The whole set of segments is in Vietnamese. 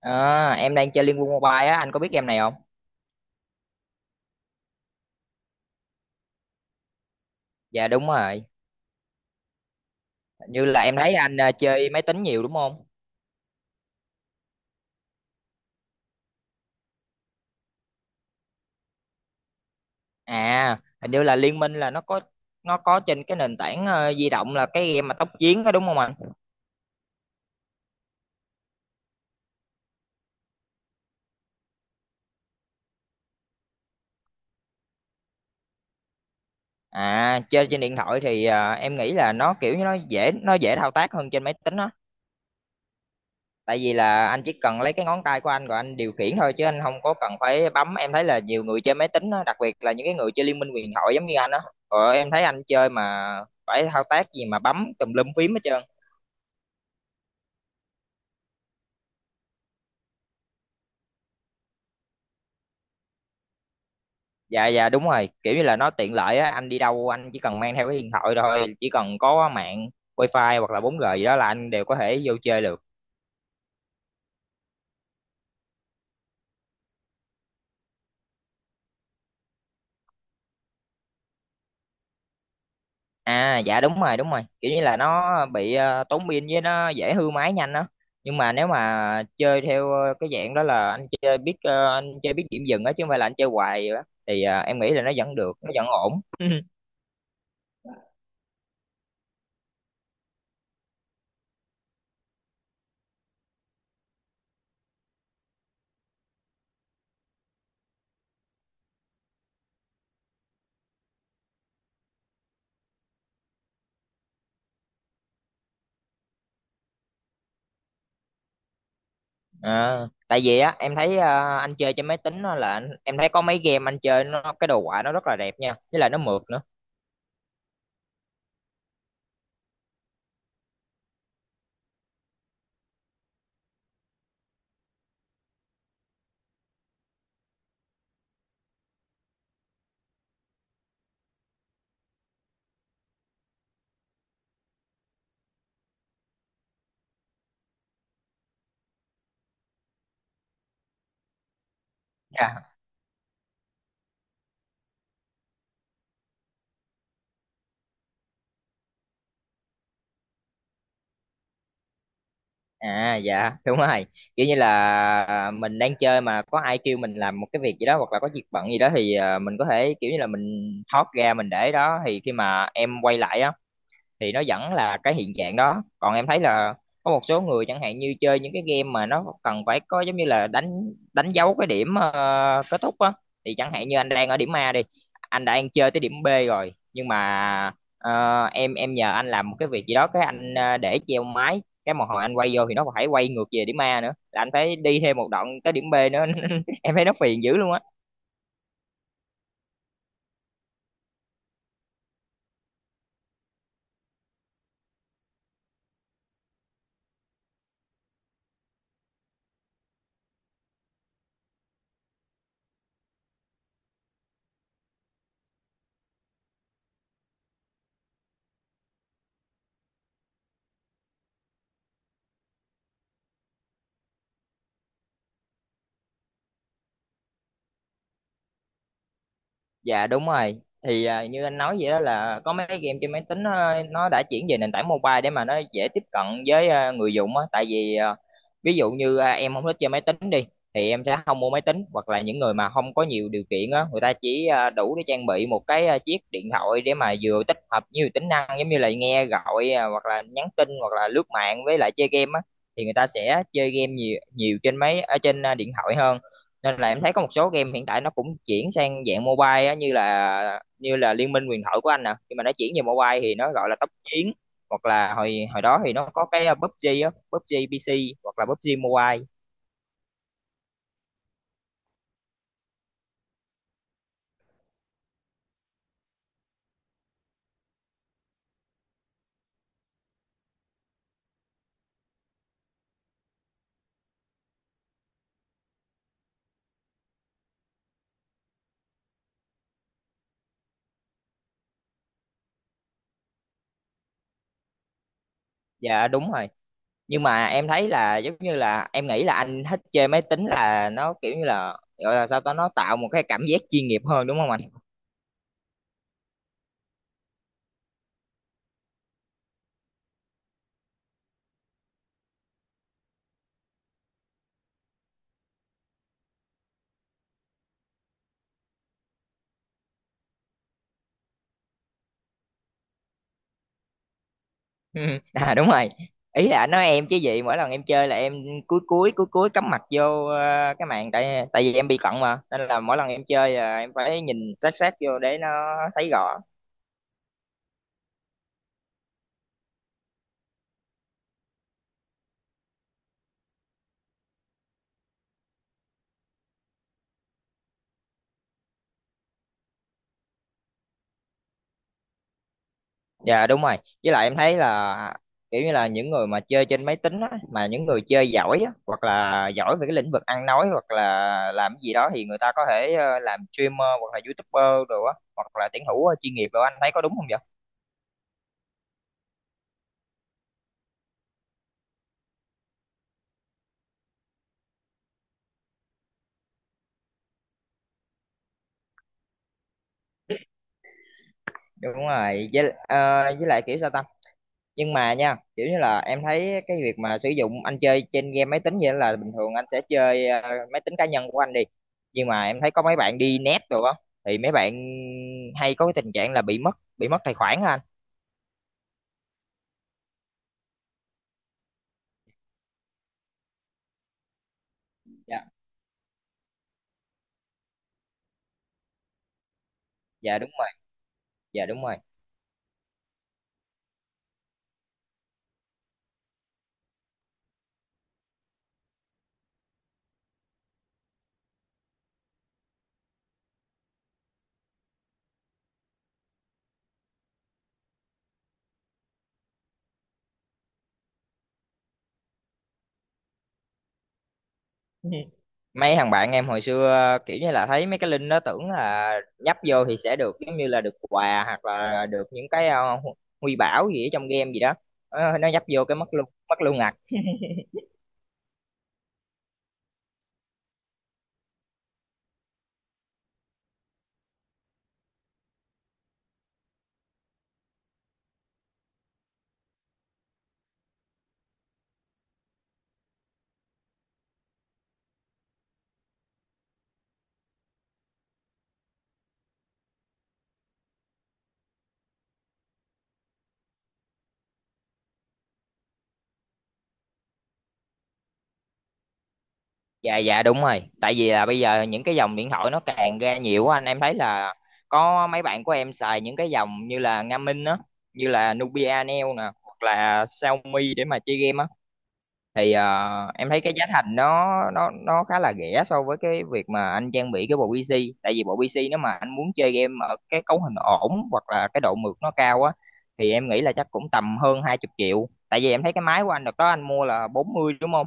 À, em đang chơi Liên Quân Mobile á, anh có biết game này không? Dạ đúng rồi, hình như là em thấy anh chơi máy tính nhiều đúng không? À, hình như là Liên Minh là nó có trên cái nền tảng di động, là cái game mà tốc chiến đó đúng không anh? À, chơi trên điện thoại thì em nghĩ là nó kiểu như nó dễ thao tác hơn trên máy tính á. Tại vì là anh chỉ cần lấy cái ngón tay của anh rồi anh điều khiển thôi, chứ anh không có cần phải bấm. Em thấy là nhiều người chơi máy tính á, đặc biệt là những cái người chơi liên minh huyền thoại giống như anh á, rồi em thấy anh chơi mà phải thao tác gì mà bấm tùm lum phím hết trơn. Dạ dạ, đúng rồi, kiểu như là nó tiện lợi á, anh đi đâu anh chỉ cần mang theo cái điện thoại thôi, chỉ cần có mạng wifi hoặc là 4G gì đó là anh đều có thể vô chơi được. À dạ đúng rồi, đúng rồi, kiểu như là nó bị tốn pin, với nó dễ hư máy nhanh đó. Nhưng mà nếu mà chơi theo cái dạng đó là anh chơi biết điểm dừng á, chứ không phải là anh chơi hoài vậy đó. Thì em nghĩ là nó vẫn được, nó vẫn ổn. à, tại vì á em thấy anh chơi trên máy tính á, là em thấy có mấy game anh chơi nó cái đồ họa nó rất là đẹp nha, với lại nó mượt nữa. À, À, dạ đúng rồi, kiểu như là mình đang chơi mà có ai kêu mình làm một cái việc gì đó hoặc là có việc bận gì đó, thì mình có thể kiểu như là mình thoát ra mình để đó, thì khi mà em quay lại á thì nó vẫn là cái hiện trạng đó. Còn em thấy là có một số người chẳng hạn như chơi những cái game mà nó cần phải có, giống như là đánh đánh dấu cái điểm kết thúc á, thì chẳng hạn như anh đang ở điểm A đi, anh đang chơi tới điểm B rồi, nhưng mà em nhờ anh làm một cái việc gì đó, cái anh để treo máy cái một hồi, anh quay vô thì nó còn phải quay ngược về điểm A nữa, là anh phải đi thêm một đoạn tới điểm B nữa. Em thấy nó phiền dữ luôn á. Dạ đúng rồi. Thì như anh nói vậy đó, là có mấy cái game trên máy tính nó đã chuyển về nền tảng mobile để mà nó dễ tiếp cận với người dùng á. Tại vì ví dụ như em không thích chơi máy tính đi thì em sẽ không mua máy tính, hoặc là những người mà không có nhiều điều kiện á, người ta chỉ đủ để trang bị một cái chiếc điện thoại, để mà vừa tích hợp nhiều tính năng giống như là nghe gọi hoặc là nhắn tin, hoặc là lướt mạng, với lại chơi game á, thì người ta sẽ chơi game nhiều nhiều trên máy, ở trên điện thoại hơn. Nên là em thấy có một số game hiện tại nó cũng chuyển sang dạng mobile á, như là Liên minh huyền thoại của anh nè, khi mà nó chuyển về mobile thì nó gọi là tốc chiến. Hoặc là hồi hồi đó thì nó có cái PUBG á, PUBG PC hoặc là PUBG Mobile. Dạ đúng rồi. Nhưng mà em thấy là, giống như là em nghĩ là anh thích chơi máy tính là nó kiểu như là, gọi là sao ta, nó tạo một cái cảm giác chuyên nghiệp hơn, đúng không anh? Ừ, à đúng rồi, ý là anh nói em chứ gì, mỗi lần em chơi là em cúi cúi cúi cúi cắm mặt vô cái màn, tại tại vì em bị cận mà, nên là mỗi lần em chơi là em phải nhìn sát sát vô để nó thấy rõ. Dạ đúng rồi, với lại em thấy là, kiểu như là, những người mà chơi trên máy tính á, mà những người chơi giỏi á, hoặc là giỏi về cái lĩnh vực ăn nói hoặc là làm cái gì đó, thì người ta có thể làm streamer hoặc là youtuber đồ á, hoặc là tuyển thủ chuyên nghiệp đồ, anh thấy có đúng không vậy? Đúng rồi, với lại kiểu sao ta? Nhưng mà nha, kiểu như là em thấy cái việc mà sử dụng anh chơi trên game máy tính vậy là bình thường anh sẽ chơi máy tính cá nhân của anh đi, nhưng mà em thấy có mấy bạn đi net rồi á, thì mấy bạn hay có cái tình trạng là bị mất tài khoản á anh. Dạ dạ đúng rồi, dạ đúng rồi. Mấy thằng bạn em hồi xưa kiểu như là thấy mấy cái link đó tưởng là nhấp vô thì sẽ được, giống như là được quà hoặc là được những cái huy bảo gì ở trong game gì đó. Ờ, nó nhấp vô cái mất luôn, mất luôn ngặt. Dạ dạ đúng rồi, tại vì là bây giờ những cái dòng điện thoại nó càng ra nhiều á anh, em thấy là có mấy bạn của em xài những cái dòng như là Nga Minh á, như là Nubia Neo nè, hoặc là Xiaomi để mà chơi game á, thì em thấy cái giá thành nó khá là rẻ so với cái việc mà anh trang bị cái bộ PC. Tại vì bộ PC nếu mà anh muốn chơi game ở cái cấu hình ổn hoặc là cái độ mượt nó cao á, thì em nghĩ là chắc cũng tầm hơn 20 triệu. Tại vì em thấy cái máy của anh đợt đó anh mua là 40 đúng không?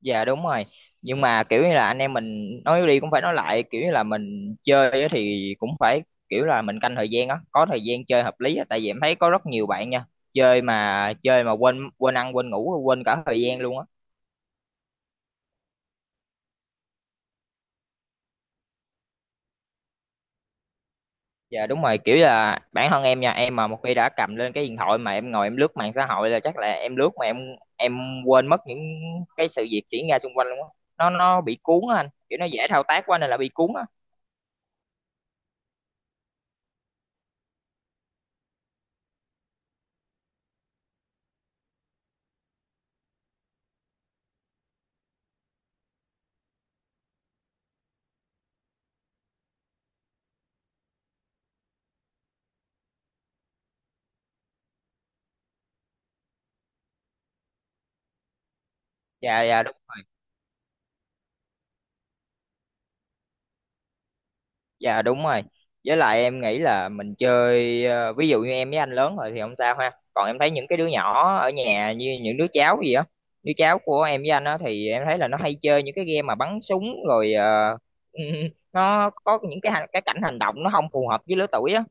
Dạ đúng rồi. Nhưng mà kiểu như là anh em mình nói đi cũng phải nói lại, kiểu như là mình chơi á thì cũng phải kiểu là mình canh thời gian á, có thời gian chơi hợp lý á, tại vì em thấy có rất nhiều bạn nha, chơi mà quên quên ăn quên ngủ quên cả thời gian luôn á. Dạ đúng rồi, kiểu là bản thân em nha, em mà một khi đã cầm lên cái điện thoại mà em ngồi em lướt mạng xã hội là chắc là em lướt mà em quên mất những cái sự việc diễn ra xung quanh luôn á. Nó bị cuốn á anh, kiểu nó dễ thao tác quá nên là bị cuốn á. Dạ dạ đúng. Dạ đúng rồi. Với lại em nghĩ là mình chơi ví dụ như em với anh lớn rồi thì không sao ha. Còn em thấy những cái đứa nhỏ ở nhà như những đứa cháu gì á, đứa cháu của em với anh á, thì em thấy là nó hay chơi những cái game mà bắn súng rồi nó có những cái cảnh hành động nó không phù hợp với lứa tuổi á.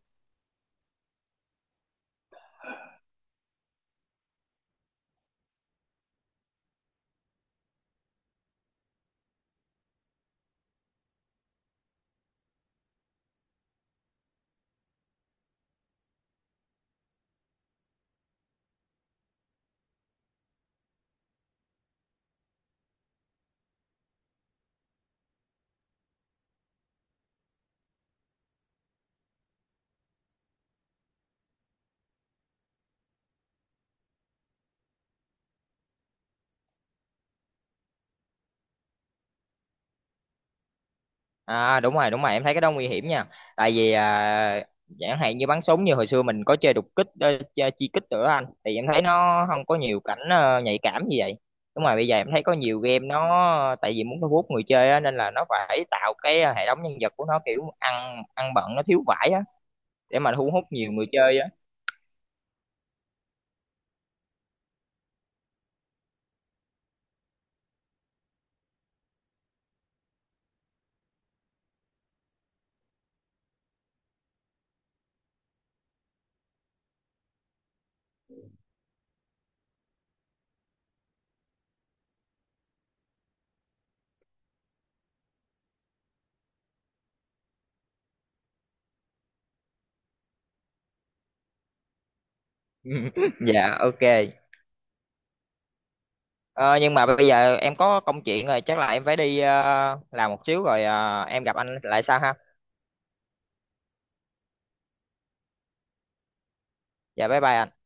À đúng rồi, em thấy cái đó nguy hiểm nha. Tại vì chẳng hạn như bắn súng như hồi xưa mình có chơi đục kích, chơi chi kích nữa anh, thì em thấy nó không có nhiều cảnh nhạy cảm như vậy. Đúng rồi, bây giờ em thấy có nhiều game nó tại vì muốn thu hút người chơi á, nên là nó phải tạo cái hệ thống nhân vật của nó kiểu ăn ăn bận nó thiếu vải á, để mà thu hút nhiều người chơi á. Dạ ok. Ờ, nhưng mà bây giờ em có công chuyện rồi, chắc là em phải đi làm một xíu rồi em gặp anh lại sau ha. Dạ bye bye ạ.